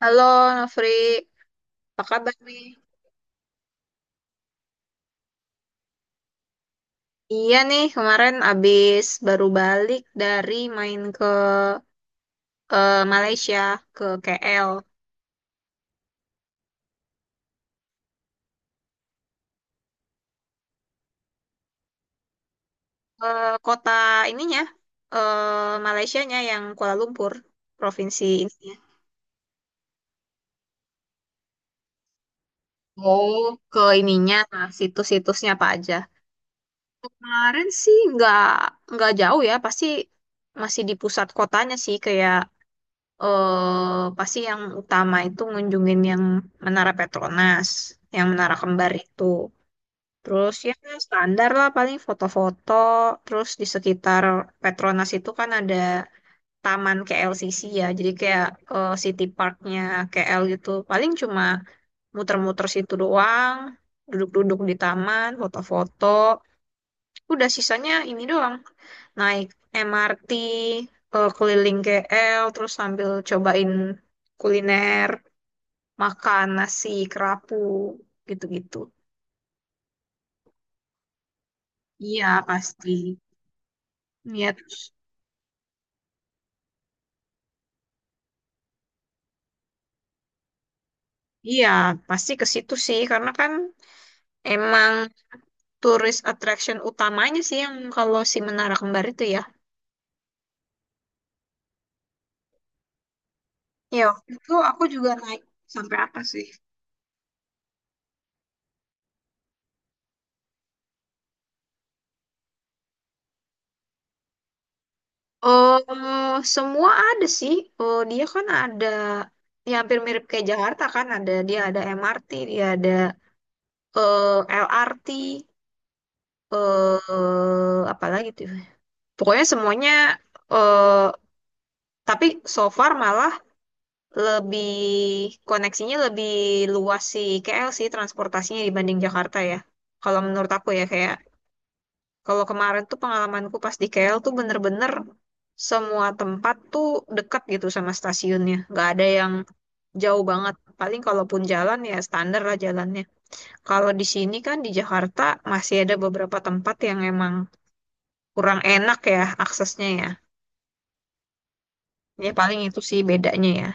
Halo, Nofri. Apa kabar nih? Iya nih, kemarin abis baru balik dari main ke Malaysia, ke KL. Ke kota ininya, eh Malaysianya yang Kuala Lumpur, provinsi ininya. Oh, ke ininya, nah, situs-situsnya apa aja. Kemarin sih nggak jauh ya, pasti masih di pusat kotanya sih, kayak pasti yang utama itu ngunjungin yang Menara Petronas, yang Menara Kembar itu. Terus ya standar lah paling foto-foto. Terus di sekitar Petronas itu kan ada taman KLCC ya. Jadi kayak City Parknya KL gitu. Paling cuma muter-muter situ doang. Duduk-duduk di taman, foto-foto. Udah sisanya ini doang naik MRT, keliling KL terus sambil cobain kuliner, makan nasi kerapu gitu-gitu. Iya pasti. Iya terus iya pasti ke situ sih karena kan emang tourist attraction utamanya sih yang kalau si Menara Kembar itu ya. Ya waktu itu aku juga naik sampai apa sih. Oh, semua ada sih. Oh, dia kan ada, ya hampir mirip kayak Jakarta kan ada, dia ada MRT, dia ada LRT, eh apalagi tuh. Pokoknya semuanya eh tapi so far malah lebih koneksinya lebih luas sih KL sih transportasinya dibanding Jakarta ya. Kalau menurut aku ya kayak kalau kemarin tuh pengalamanku pas di KL tuh bener-bener semua tempat tuh deket gitu sama stasiunnya. Nggak ada yang jauh banget. Paling kalaupun jalan ya standar lah jalannya. Kalau di sini kan di Jakarta masih ada beberapa tempat yang emang kurang enak ya aksesnya ya. Ya paling itu sih bedanya ya.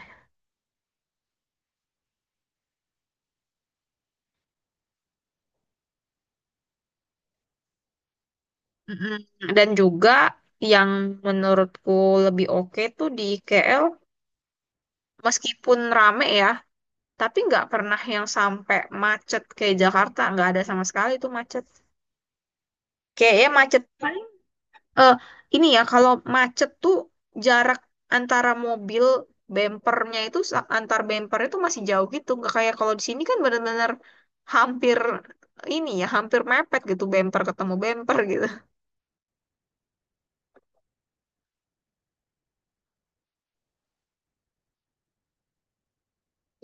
Mm-mm. Dan juga yang menurutku lebih oke tuh di KL, meskipun rame ya, tapi nggak pernah yang sampai macet kayak Jakarta, nggak ada sama sekali tuh macet. Kayaknya macet paling Eh, ini ya, kalau macet tuh jarak antara mobil bempernya itu antar bemper itu masih jauh gitu. Nggak kayak kalau di sini kan benar-benar hampir ini ya, hampir mepet gitu, bemper ketemu bemper gitu.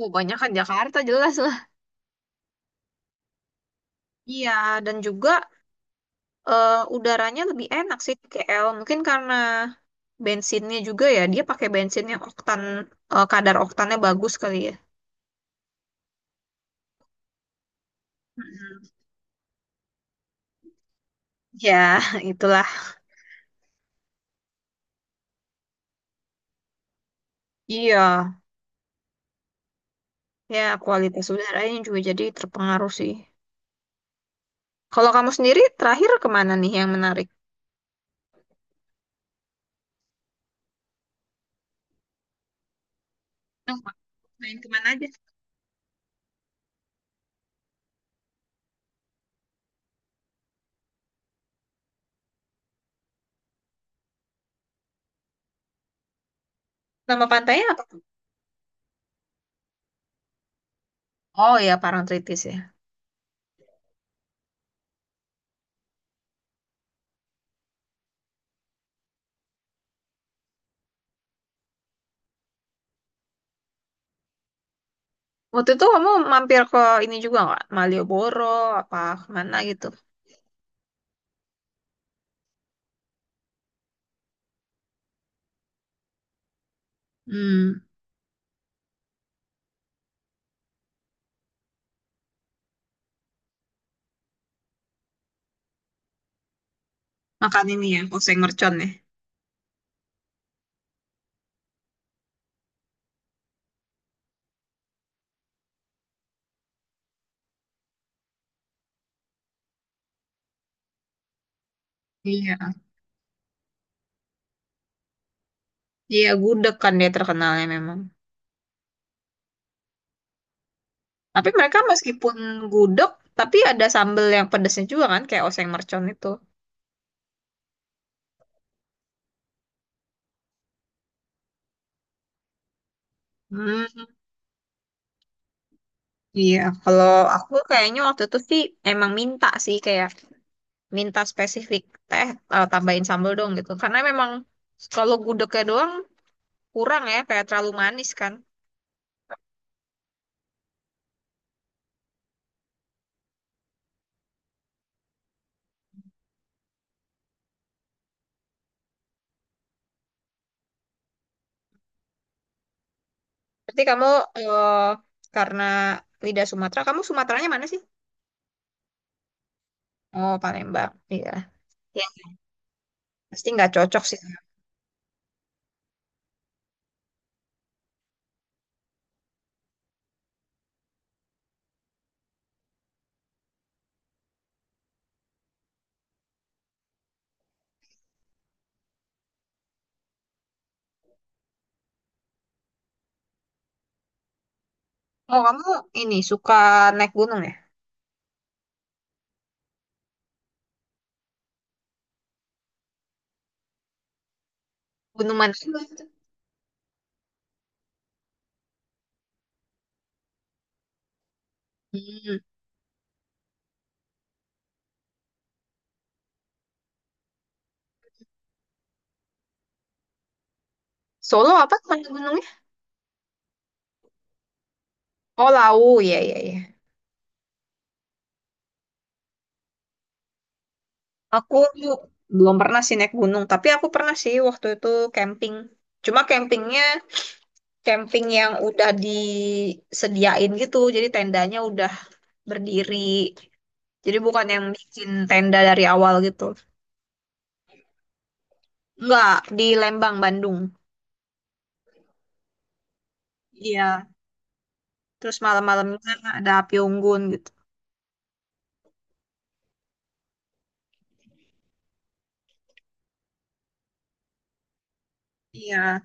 Oh, banyak kan Jakarta jelas lah. Iya, dan juga udaranya lebih enak sih di KL. Mungkin karena bensinnya juga ya, dia pakai bensin yang oktan, kadar oktannya bagus kali ya. Mm, ya, itulah. Iya. Ya, kualitas udaranya juga jadi terpengaruh sih. Kalau kamu sendiri terakhir kemana nih yang menarik? Yang main kemana aja? Nama pantainya apa tuh? Oh ya, Parangtritis ya. Waktu itu kamu mampir ke ini juga nggak? Malioboro, apa kemana gitu? Hmm, makan ini ya, oseng mercon ya. Iya. Iya, gudeg kan dia terkenalnya memang. Tapi mereka meskipun gudeg, tapi ada sambel yang pedesnya juga kan, kayak oseng mercon itu. Hmm. Iya, kalau aku kayaknya waktu itu sih emang minta sih kayak minta spesifik teh, tambahin sambal dong gitu. Karena memang kalau gudegnya doang kurang ya, kayak terlalu manis kan. Berarti kamu eh, karena lidah Sumatera, kamu Sumateranya mana sih? Oh, Palembang. Iya. Ya, pasti nggak cocok sih. Oh, kamu ini suka naik gunung ya? Gunung mana sih waktu? Hmm. Solo apa? Mana gunungnya? Oh, Lawu. Iya, iya, iya. Aku belum pernah sih naik gunung, tapi aku pernah sih waktu itu camping. Cuma campingnya camping yang udah disediain gitu, jadi tendanya udah berdiri. Jadi bukan yang bikin tenda dari awal gitu. Enggak, di Lembang, Bandung. Iya, terus malam-malamnya ada api unggun gitu. Iya.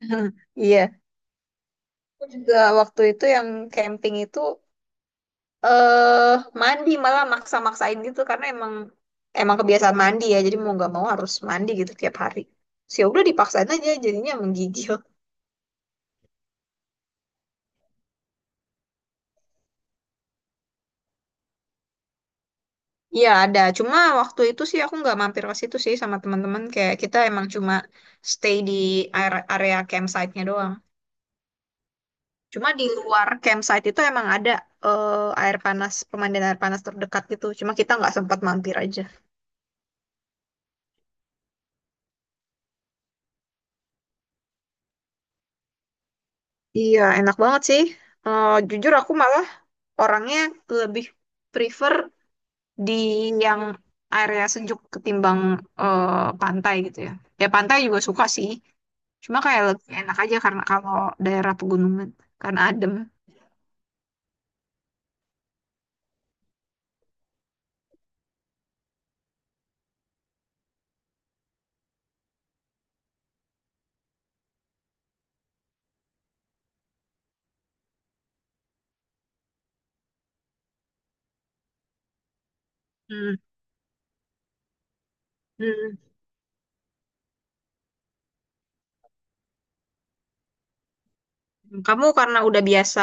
Iya. Aku juga waktu itu yang camping itu eh mandi malah maksa-maksain gitu karena emang emang kebiasaan mandi ya jadi mau nggak mau harus mandi gitu tiap hari sih, ya udah dipaksain aja jadinya menggigil. Iya ada, cuma waktu itu sih aku nggak mampir ke situ sih sama teman-teman, kayak kita emang cuma stay di area campsite-nya doang. Cuma di luar campsite itu emang ada air panas, pemandian air panas terdekat gitu, cuma kita nggak sempat mampir aja. Iya, enak banget sih. Eh, jujur aku malah orangnya lebih prefer di yang area sejuk ketimbang pantai gitu ya. Ya pantai juga suka sih. Cuma kayak lebih enak aja karena kalau daerah pegunungan karena adem. Hmm, hmm. Kamu karena udah biasa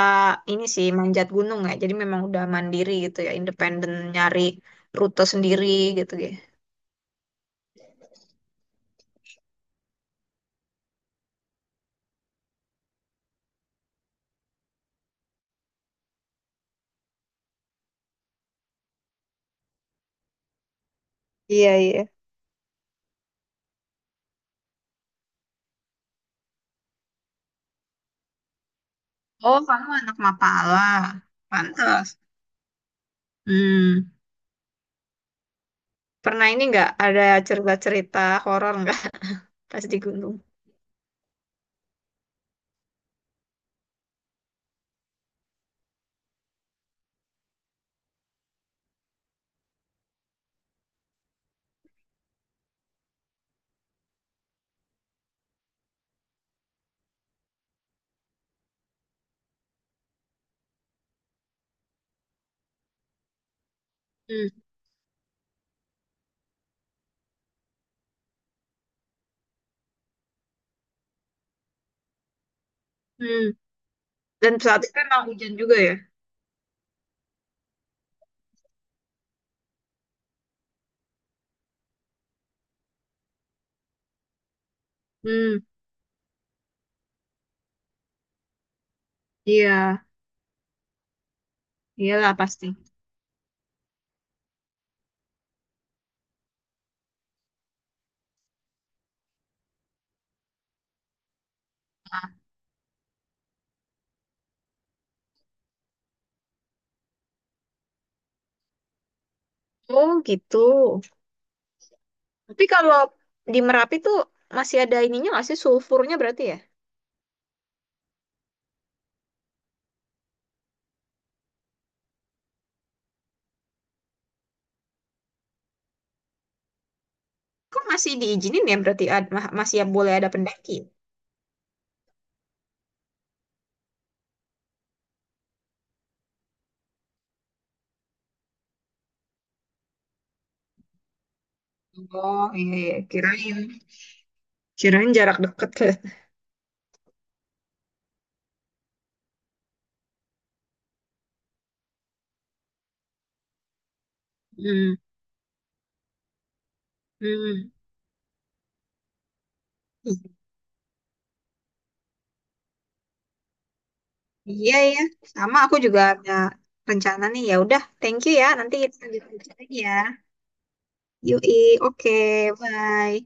ini sih manjat gunung ya. Jadi memang udah mandiri gitu ya, independen nyari rute sendiri gitu ya. Iya, iya. Oh, kamu anak Mapala. Pantas. Hmm. Pernah ini nggak, ada cerita-cerita horor nggak pas di gunung? Hmm. Hmm. Dan saat itu emang hujan juga ya? Hmm, iya, iyalah pasti. Oh gitu. Tapi kalau di Merapi tuh masih ada ininya nggak sih, sulfurnya berarti ya? Kok masih diizinin ya berarti masih boleh ada pendaki? Oh iya, iya. Kirain. Kirain jarak dekat ke. Hmm, hmm. I- Iya ya, sama aku juga ada rencana nih. Ya udah, thank you ya. Nanti kita lanjut lagi ya. Yui, oke, bye.